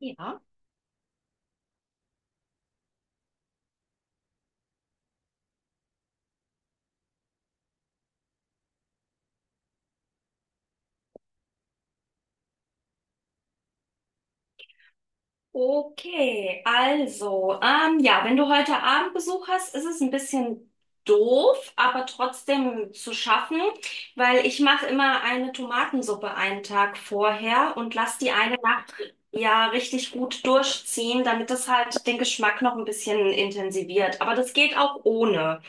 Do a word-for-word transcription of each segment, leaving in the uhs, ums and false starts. Ja. Okay, also, ähm, ja, wenn du heute Abend Besuch hast, ist es ein bisschen doof, aber trotzdem zu schaffen, weil ich mache immer eine Tomatensuppe einen Tag vorher und lass die eine Nacht ja richtig gut durchziehen, damit das halt den Geschmack noch ein bisschen intensiviert. Aber das geht auch ohne.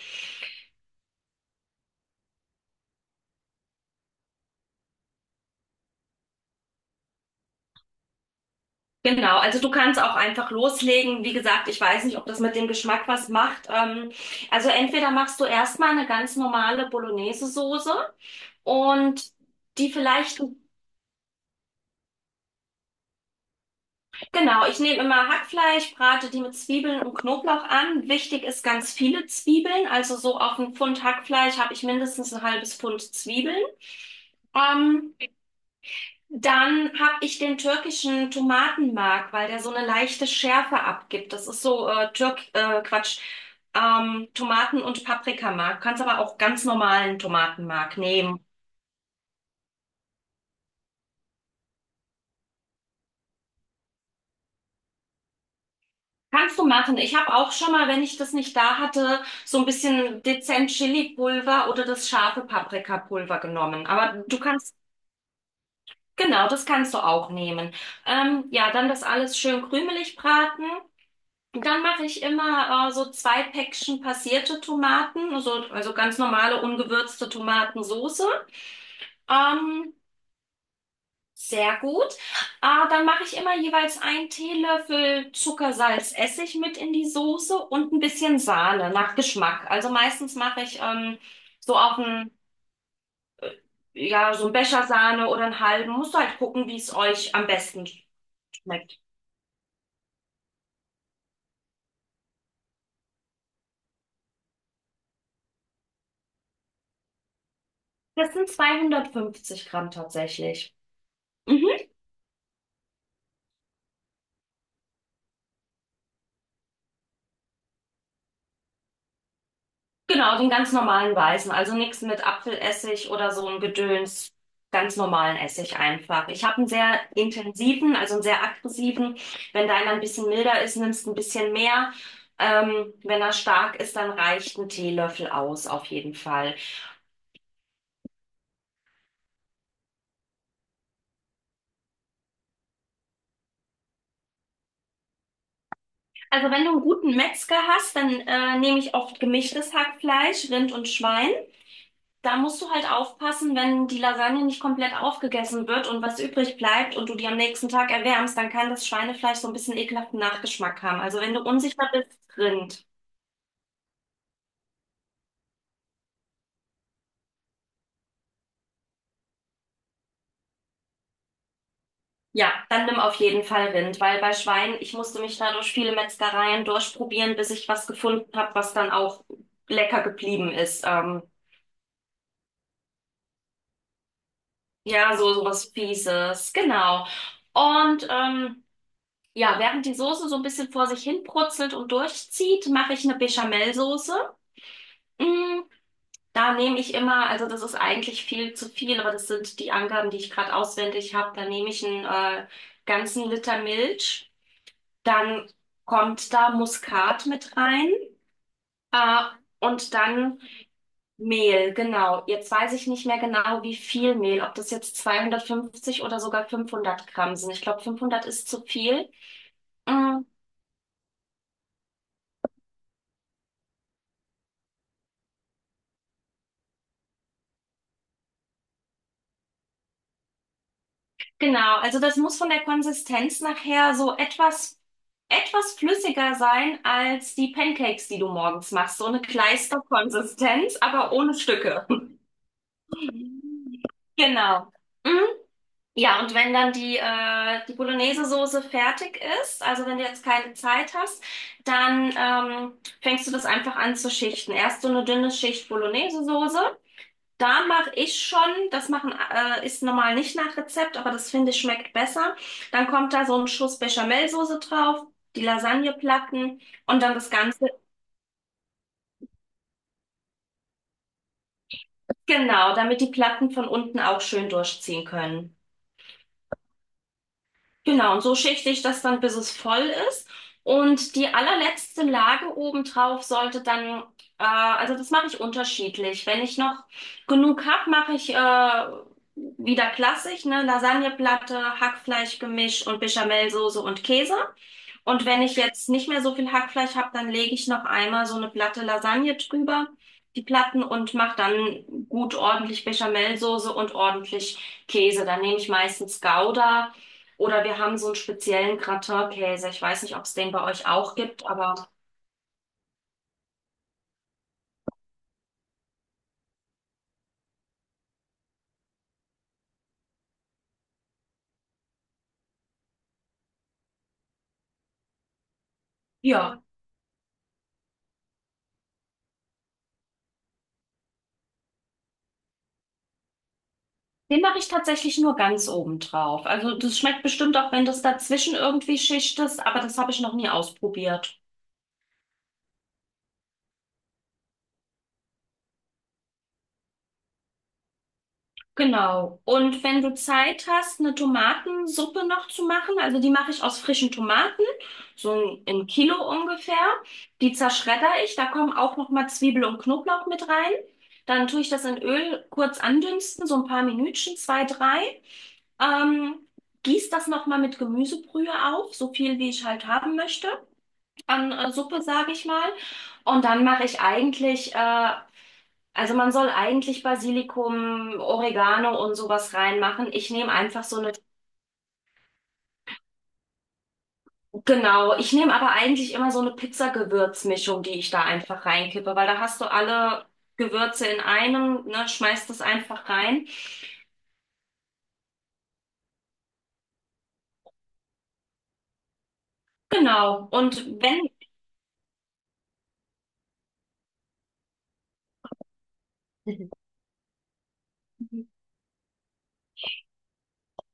Genau, also du kannst auch einfach loslegen. Wie gesagt, ich weiß nicht, ob das mit dem Geschmack was macht. Ähm, also entweder machst du erstmal eine ganz normale Bolognese-Soße und die vielleicht, genau, ich nehme immer Hackfleisch, brate die mit Zwiebeln und Knoblauch an. Wichtig ist ganz viele Zwiebeln, also so auf ein Pfund Hackfleisch habe ich mindestens ein halbes Pfund Zwiebeln. Ähm, Dann habe ich den türkischen Tomatenmark, weil der so eine leichte Schärfe abgibt. Das ist so äh, Türk, äh, Quatsch, ähm, Tomaten- und Paprikamark. Kannst aber auch ganz normalen Tomatenmark nehmen. Kannst du machen. Ich habe auch schon mal, wenn ich das nicht da hatte, so ein bisschen dezent Chili-Pulver oder das scharfe Paprikapulver genommen. Aber du kannst, genau, das kannst du auch nehmen. Ähm, ja, dann das alles schön krümelig braten. Dann mache ich immer äh, so zwei Päckchen passierte Tomaten, also, also ganz normale ungewürzte Tomatensoße. Ähm, Sehr gut. Äh, dann mache ich immer jeweils einen Teelöffel Zucker, Salz, Essig mit in die Soße und ein bisschen Sahne nach Geschmack. Also meistens mache ich ähm, so auf einen, ja, so einen Becher Sahne oder einen halben. Musst halt gucken, wie es euch am besten schmeckt. Das sind zweihundertfünfzig Gramm tatsächlich. Mhm. Genau, den ganz normalen weißen, also nichts mit Apfelessig oder so ein Gedöns, ganz normalen Essig einfach. Ich habe einen sehr intensiven, also einen sehr aggressiven. Wenn deiner ein bisschen milder ist, nimmst du ein bisschen mehr. Ähm, wenn er stark ist, dann reicht ein Teelöffel aus, auf jeden Fall. Also wenn du einen guten Metzger hast, dann äh, nehme ich oft gemischtes Hackfleisch, Rind und Schwein. Da musst du halt aufpassen, wenn die Lasagne nicht komplett aufgegessen wird und was übrig bleibt und du die am nächsten Tag erwärmst, dann kann das Schweinefleisch so ein bisschen ekelhaften Nachgeschmack haben. Also wenn du unsicher bist, Rind. Ja, dann nimm auf jeden Fall Rind, weil bei Schwein, ich musste mich da durch viele Metzgereien durchprobieren, bis ich was gefunden habe, was dann auch lecker geblieben ist. Ähm, ja, so, so was Fieses, genau. Und ähm, ja, während die Soße so ein bisschen vor sich hin brutzelt und durchzieht, mache ich eine Bechamelsoße. Mm. Da nehme ich immer, also das ist eigentlich viel zu viel, aber das sind die Angaben, die ich gerade auswendig habe. Da nehme ich einen äh, ganzen Liter Milch, dann kommt da Muskat mit rein, äh, und dann Mehl, genau. Jetzt weiß ich nicht mehr genau, wie viel Mehl, ob das jetzt zweihundertfünfzig oder sogar fünfhundert Gramm sind. Ich glaube, fünfhundert ist zu viel. Mm. Genau, also das muss von der Konsistenz nachher so etwas, etwas flüssiger sein als die Pancakes, die du morgens machst. So eine Kleisterkonsistenz, aber ohne Stücke. Genau. Mhm. Ja, und wenn dann die, äh, die Bolognese-Soße fertig ist, also wenn du jetzt keine Zeit hast, dann ähm, fängst du das einfach an zu schichten. Erst so eine dünne Schicht Bolognese-Soße, da mache ich schon, das machen äh, ist normal nicht nach Rezept, aber das finde ich schmeckt besser. Dann kommt da so ein Schuss Bechamelsoße drauf, die Lasagneplatten und dann das Ganze, genau, damit die Platten von unten auch schön durchziehen können. Genau, und so schichte ich das dann, bis es voll ist. Und die allerletzte Lage obendrauf sollte dann, äh, also das mache ich unterschiedlich. Wenn ich noch genug habe, mache ich äh, wieder klassisch, ne, Lasagneplatte, Hackfleischgemisch und Bechamelsoße und Käse. Und wenn ich jetzt nicht mehr so viel Hackfleisch habe, dann lege ich noch einmal so eine Platte Lasagne drüber, die Platten, und mache dann gut ordentlich Bechamelsoße und ordentlich Käse. Dann nehme ich meistens Gouda oder wir haben so einen speziellen Gratin-Käse. Ich weiß nicht, ob es den bei euch auch gibt, aber ja, den mache ich tatsächlich nur ganz oben drauf. Also das schmeckt bestimmt auch, wenn das dazwischen irgendwie Schicht ist, aber das habe ich noch nie ausprobiert. Genau. Und wenn du Zeit hast, eine Tomatensuppe noch zu machen, also die mache ich aus frischen Tomaten, so ein, ein Kilo ungefähr. Die zerschredder ich, da kommen auch noch mal Zwiebel und Knoblauch mit rein. Dann tue ich das in Öl kurz andünsten, so ein paar Minütchen, zwei, drei. Ähm, Gieß das noch mal mit Gemüsebrühe auf, so viel wie ich halt haben möchte an äh, Suppe, sage ich mal. Und dann mache ich eigentlich äh, also man soll eigentlich Basilikum, Oregano und sowas reinmachen. Ich nehme einfach so eine, genau, ich nehme aber eigentlich immer so eine Pizzagewürzmischung, die ich da einfach reinkippe, weil da hast du alle Gewürze in einem, ne, schmeißt das einfach rein. Genau. Und wenn,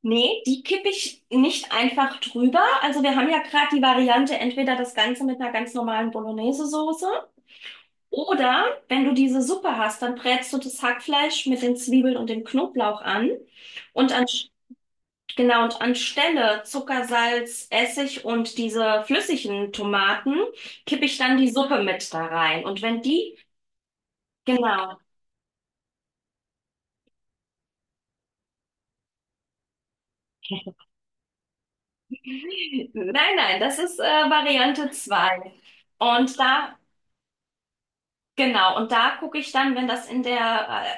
nee, die kippe ich nicht einfach drüber. Also wir haben ja gerade die Variante, entweder das Ganze mit einer ganz normalen Bolognese-Soße. Oder wenn du diese Suppe hast, dann brätst du das Hackfleisch mit den Zwiebeln und dem Knoblauch an und an, genau, und anstelle Zucker, Salz, Essig und diese flüssigen Tomaten kippe ich dann die Suppe mit da rein. Und wenn die, genau, nein, nein, das ist äh, Variante zwei. Und da Genau, und da gucke ich dann, wenn das in der,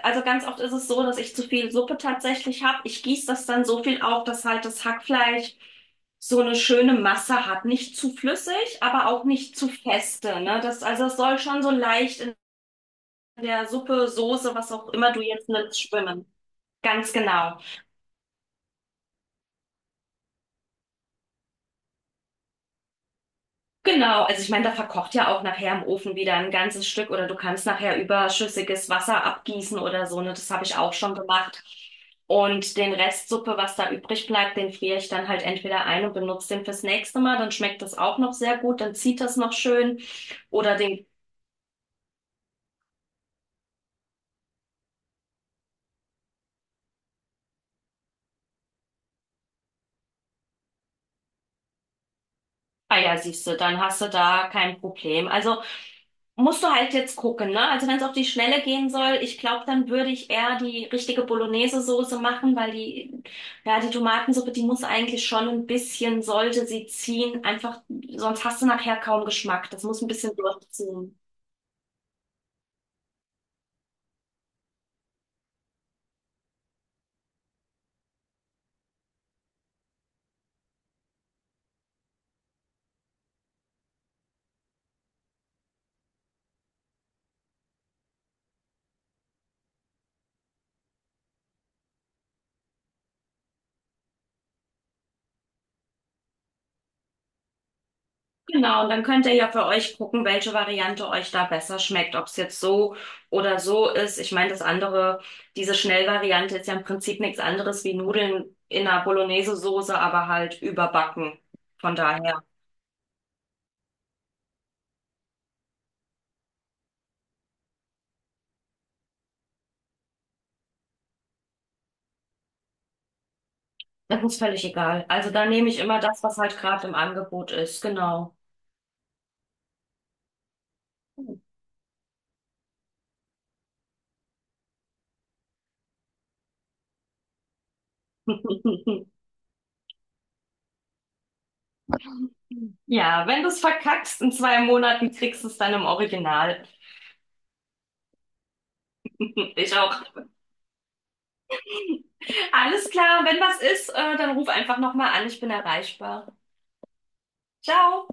äh, also ganz oft ist es so, dass ich zu viel Suppe tatsächlich habe. Ich gieße das dann so viel auf, dass halt das Hackfleisch so eine schöne Masse hat. Nicht zu flüssig, aber auch nicht zu feste, ne? Das, also es soll schon so leicht in der Suppe, Soße, was auch immer du jetzt nimmst, schwimmen. Ganz genau. Genau, also ich meine, da verkocht ja auch nachher im Ofen wieder ein ganzes Stück oder du kannst nachher überschüssiges Wasser abgießen oder so, ne? Das habe ich auch schon gemacht. Und den Rest Suppe, was da übrig bleibt, den friere ich dann halt entweder ein und benutze den fürs nächste Mal, dann schmeckt das auch noch sehr gut, dann zieht das noch schön. Oder den Ah ja, siehst du, dann hast du da kein Problem. Also musst du halt jetzt gucken, ne? Also wenn es auf die Schnelle gehen soll, ich glaube, dann würde ich eher die richtige Bolognese-Soße machen, weil die, ja, die Tomatensuppe, die muss eigentlich schon ein bisschen, sollte sie ziehen, einfach, sonst hast du nachher kaum Geschmack. Das muss ein bisschen durchziehen. Genau, und dann könnt ihr ja für euch gucken, welche Variante euch da besser schmeckt, ob es jetzt so oder so ist. Ich meine, das andere, diese Schnellvariante ist ja im Prinzip nichts anderes wie Nudeln in einer Bolognese-Soße, aber halt überbacken. Von daher, das ist völlig egal. Also da nehme ich immer das, was halt gerade im Angebot ist, genau. Ja, wenn du es verkackst, in zwei Monaten kriegst du es dann im Original. Ich auch. Alles klar, wenn was ist, äh, dann ruf einfach nochmal an, ich bin erreichbar. Ciao.